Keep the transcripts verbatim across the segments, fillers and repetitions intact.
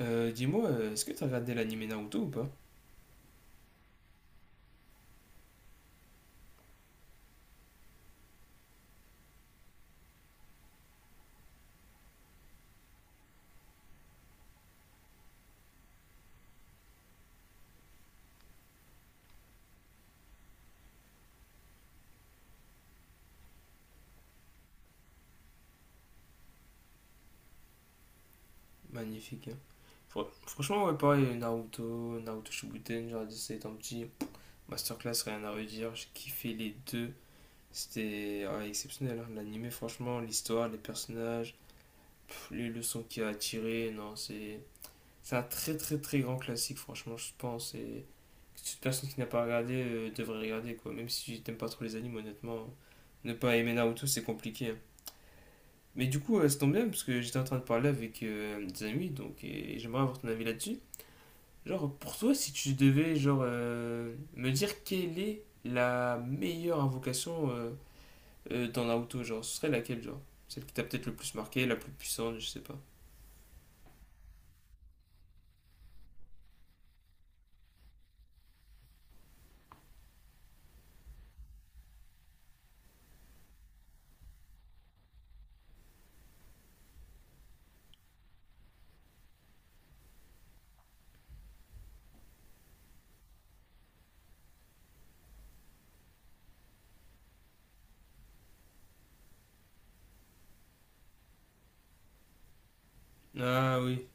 Euh, dis-moi, euh, est-ce que t'as regardé l'anime Naruto ou pas? Magnifique, hein. Fr- franchement, ouais, pareil, Naruto, Naruto Shippuden, genre c'est étant petit, masterclass, rien à redire, j'ai kiffé les deux, c'était ouais, exceptionnel, hein. L'anime, franchement, l'histoire, les personnages, pff, les leçons qu'il a tirées, non, c'est c'est un très très très grand classique, franchement, je pense, et que toute personne qui n'a pas regardé euh, devrait regarder, quoi, même si t'aimes pas trop les animes, honnêtement, ne pas aimer Naruto, c'est compliqué, hein. Mais du coup, euh, ça tombe bien parce que j'étais en train de parler avec euh, des amis, donc et j'aimerais avoir ton avis là-dessus. Genre, pour toi, si tu devais genre euh, me dire quelle est la meilleure invocation euh, euh, dans Naruto, genre, ce serait laquelle, genre? Celle qui t'a peut-être le plus marqué, la plus puissante, je sais pas. Ah oui.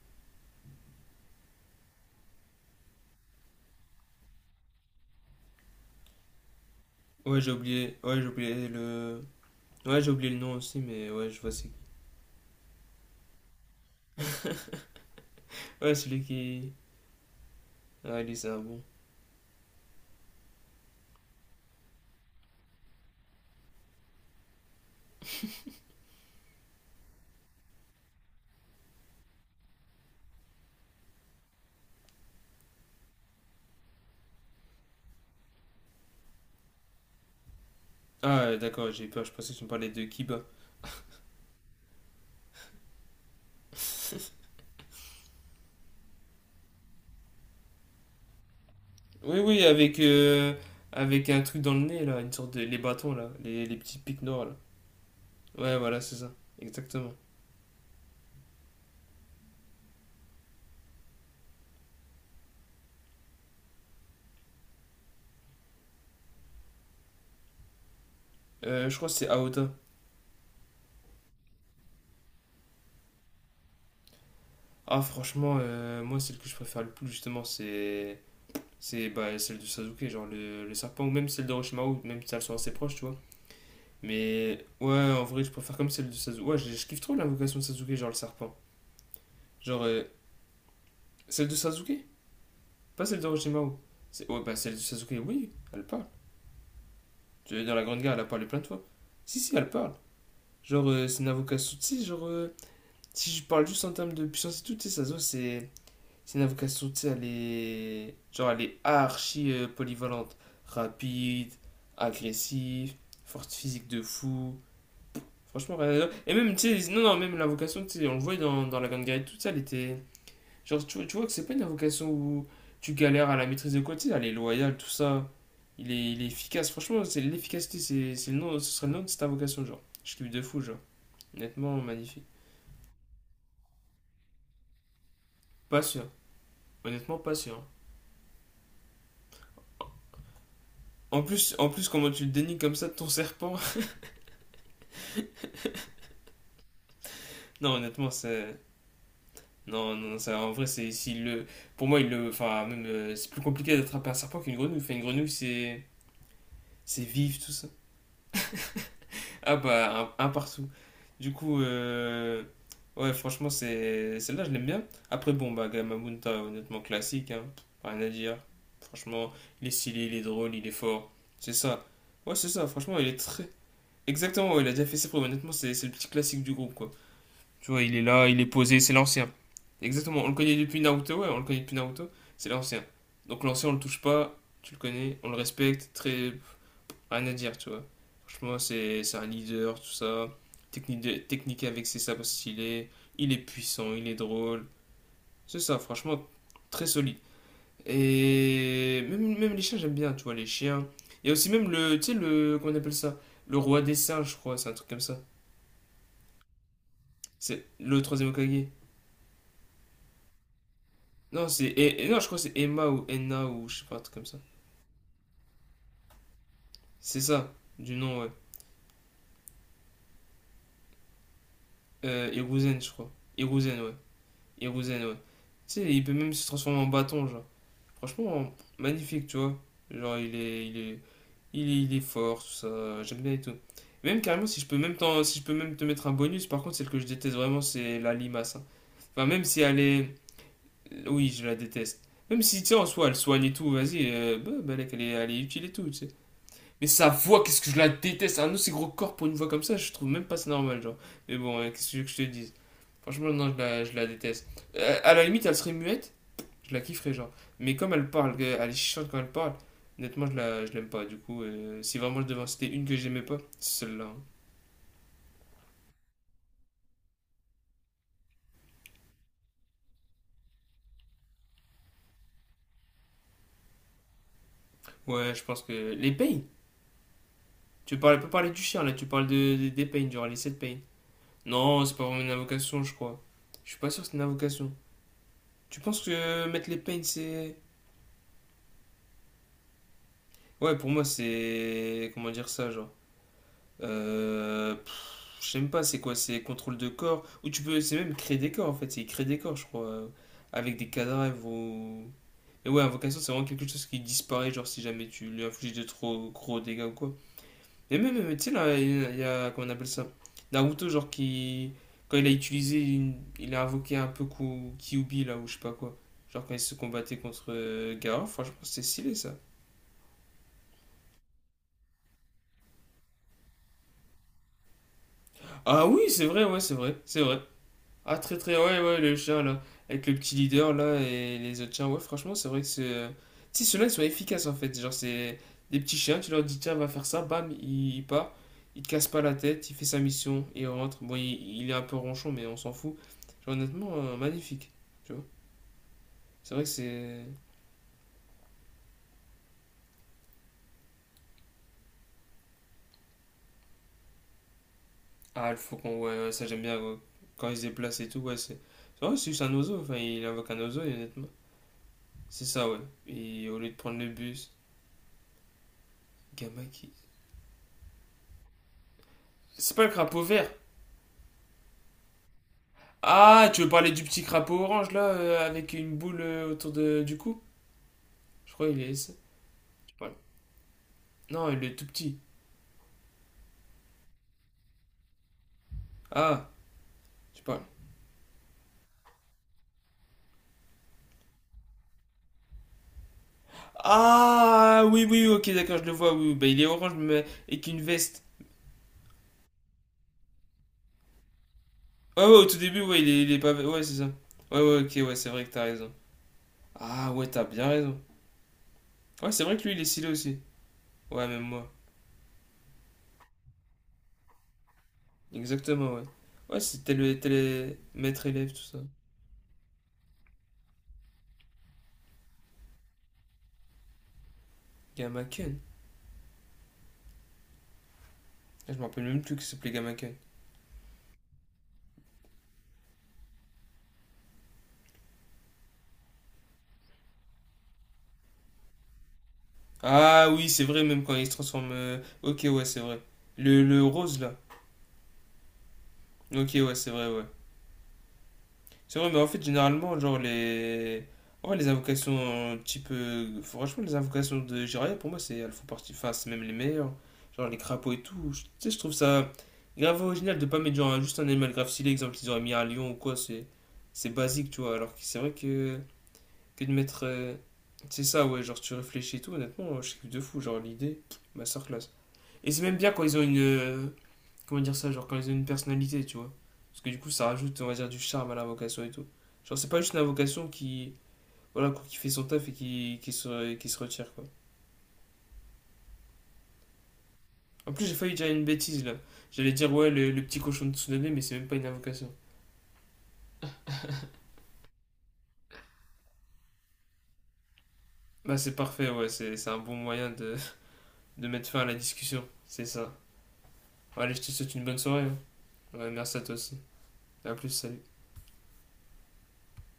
Ouais, j'ai oublié. Ouais, j'ai oublié le. Ouais, j'ai oublié le nom aussi, mais ouais, je vois c'est. Ouais, celui qui. Ah, lui, c'est un bon. Ah, d'accord, j'ai peur, je pensais que tu me parlais de Kiba. Oui, oui, avec, euh, avec un truc dans le nez, là, une sorte de... les bâtons, là, les, les petits pics noirs, là. Ouais, voilà, c'est ça, exactement. Euh, je crois que c'est Aota. Ah, franchement, euh, moi, celle que je préfère le plus, justement, c'est... c'est bah, celle de Sasuke, genre le, le serpent, ou même celle d'Orochimaru, même si elles sont assez proches, tu vois. Mais ouais, en vrai, je préfère comme celle de Sasuke. Ouais, je, je kiffe trop l'invocation de Sasuke, genre le serpent. Genre, euh, celle de Sasuke, pas celle d'Orochimaru. C'est- Ouais, bah celle de Sasuke, oui, elle parle. Tu veux dans la Grande Guerre, elle a parlé plein de fois. Si, si, elle parle. Genre, euh, c'est un avocat Souti, genre, euh, si je parle juste en termes de puissance et tout, tu sais, Sazo, c'est c'est une avocat Souti, elle est. Genre, elle est archi euh, polyvalente. Rapide, agressive, forte physique de fou. Franchement, rien à dire. Et même, tu sais, non, non, même la vocation, tu sais, on le voit dans, dans la Grande Guerre et tout ça, elle était. Genre, tu, vois- tu vois que c'est pas une vocation où tu galères à la maîtrise de quoi, tu sais, elle est loyale, tout ça. Il est, il est efficace, franchement, c'est l'efficacité, c'est c'est le nom, ce serait le nom de cette invocation, genre. Je kiffe de fou, genre. Honnêtement, magnifique. Pas sûr. Honnêtement, pas sûr. En plus, en plus, comment tu le dénies comme ça de ton serpent? Non, honnêtement, c'est. Non, non, ça, en vrai, c'est. S'il le... pour moi, il le. Enfin, même. euh, c'est plus compliqué d'attraper un serpent qu'une grenouille. Enfin, une grenouille, c'est. C'est vif, tout ça. Ah, bah, un, un partout. Du coup, euh, ouais, franchement, c'est. Celle-là, je l'aime bien. Après, bon, bah, Gamabunta, honnêtement, classique, hein. Rien à dire. Franchement, il est stylé, il est drôle, il est fort. C'est ça. Ouais, c'est ça, franchement, il est très. Exactement, ouais, il a déjà fait ses preuves. Honnêtement, c'est c'est le petit classique du groupe, quoi. Tu vois, il est là, il est posé, c'est l'ancien. Exactement, on le connaît depuis Naruto, ouais, on le connaît depuis Naruto, c'est l'ancien. Donc l'ancien, on le touche pas, tu le connais, on le respecte, très... rien à dire, tu vois. Franchement, c'est c'est un leader, tout ça. Technique, de- technique avec ses sabres stylés, il est puissant, il est drôle. C'est ça, franchement, très solide. Et même, même les chiens, j'aime bien, tu vois, les chiens. Il y a aussi même le, tu sais, le, comment on appelle ça? Le roi des singes, je crois, c'est un truc comme ça. C'est le troisième Okage. Non, c'est. et- et Non, je crois que c'est Emma ou Enna ou je sais pas, un truc comme ça. C'est ça, du nom, ouais. Euh, Hiruzen, je crois. Hiruzen, ouais. Hiruzen, ouais. Tu sais, il peut même se transformer en bâton, genre. Franchement, magnifique, tu vois. Genre, il est, il est, il est, il est fort, tout ça. J'aime bien et tout. Même carrément, si je peux même, t'en- si je peux même te mettre un bonus, par contre, celle que je déteste vraiment, c'est la limace. Hein. Enfin, même si elle est. Oui, je la déteste. Même si, tu sais, en soi, elle soigne et tout, vas-y, euh, bah, bah, elle est, elle est utile et tout, tu sais. Mais sa voix, qu'est-ce que je la déteste. Un aussi gros corps pour une voix comme ça, je trouve même pas c'est normal, genre. Mais bon, hein, qu'est-ce que tu veux que je te dise. Franchement, non, je la, je la déteste. Euh, à la limite, elle serait muette, je la kifferais, genre. Mais comme elle parle, euh, elle est chiante quand elle parle, honnêtement, je la, je l'aime pas. Du coup, euh, si vraiment je devais en citer une que j'aimais pas, c'est celle-là. Hein. Ouais, je pense que. Les pains. Tu parles peux parler du chien, là, tu parles de, de- des pains, genre les sept pains. Non, c'est pas vraiment une invocation, je crois. Je suis pas sûr que c'est une invocation. Tu penses que euh, mettre les pains, c'est. Ouais, pour moi, c'est. Comment dire ça, genre. Euh... pff, Je sais même pas, c'est quoi? C'est contrôle de corps. Ou tu peux. C'est même créer des corps, en fait. C'est créer des corps, je crois. euh, Avec des cadavres ou. Et ouais, invocation, c'est vraiment quelque chose qui disparaît, genre si jamais tu lui infliges de trop gros dégâts ou quoi. Et même, euh, tu sais, là, il y a. il y a- comment on appelle ça? Naruto, genre qui. Quand il a utilisé. une- Il a invoqué un peu Ku- Kyuubi, là, ou je sais pas quoi. Genre quand il se combattait contre euh, Gaara, franchement, c'est stylé ça. Ah oui, c'est vrai, ouais, c'est vrai, c'est vrai. Ah, très très, ouais, ouais, le chien là, avec le petit leader là et les autres chiens, ouais, franchement, c'est vrai que c'est. euh, Si ceux-là ils sont efficaces en fait, genre c'est des petits chiens, tu leur dis tiens, va faire ça, bam, il, il part, il te casse pas la tête, il fait sa mission, il rentre. Bon, il, il est un peu ronchon, mais on s'en fout. Genre, honnêtement, euh, magnifique, tu vois. C'est vrai que c'est. Ah, le faucon, ouais, ouais, ça j'aime bien ouais. Quand il se déplace et tout, ouais, c'est. C'est vrai, c'est juste un oiseau, enfin, il invoque un oiseau, et honnêtement, c'est ça, ouais. Et au lieu de prendre le bus, gamin qui. C'est pas le crapaud vert! Ah, tu veux parler du petit crapaud orange là, euh, avec une boule euh, autour de, du cou? Je crois qu'il est. ça, tu parles. Non, il est tout petit. Ah, tu parles. Ah, oui, oui, ok, d'accord, je le vois. Oui, oui. bah il est orange, mais avec une veste. Ouais, ouais, au tout début, ouais, il est, il est pas. Ouais, c'est ça. Ouais, ouais, ok, ouais, c'est vrai que t'as raison. Ah, ouais, t'as bien raison. Ouais, c'est vrai que lui, il est stylé aussi. Ouais, même moi. Exactement, ouais. Ouais, c'était le, c'était le maître élève, tout ça. Gamaken. Ah, je me rappelle même plus que ça s'appelait Gamaken. Ah oui, c'est vrai, même quand il se transforme. euh, Ok, ouais, c'est vrai. Le, le rose là. Ok, ouais, c'est vrai, ouais. C'est vrai, mais en fait, généralement, genre les. Ouais, les invocations euh, type. euh, Franchement, les invocations de Jiraiya, pour moi, c'est elles font partie. Enfin, c'est même les meilleures. Genre les crapauds et tout. Je- Tu sais, je trouve ça grave original de pas mettre genre un- juste un animal grave stylé. Exemple, ils auraient mis un lion ou quoi, c'est. C'est basique, tu vois. Alors que c'est vrai que. Que de mettre. euh, C'est ça, ouais, genre tu réfléchis et tout, honnêtement, je suis de fou. Genre l'idée, ma soeur. Et c'est même bien quand ils ont une. euh, Comment dire ça. Genre quand ils ont une personnalité, tu vois. Parce que du coup, ça rajoute, on va dire, du charme à la vocation et tout. Genre, c'est pas juste une vocation qui. Voilà, quoi, qui fait son taf et qui, qui, se, qui se retire, quoi. En plus, j'ai failli dire une bêtise là. J'allais dire, ouais, le, le petit cochon de Tsunade, mais c'est même pas une invocation. Bah, c'est parfait, ouais, c'est c'est un bon moyen de, de mettre fin à la discussion. C'est ça. Bon, allez, je te souhaite une bonne soirée. Hein. Ouais, merci à toi aussi. À plus, salut.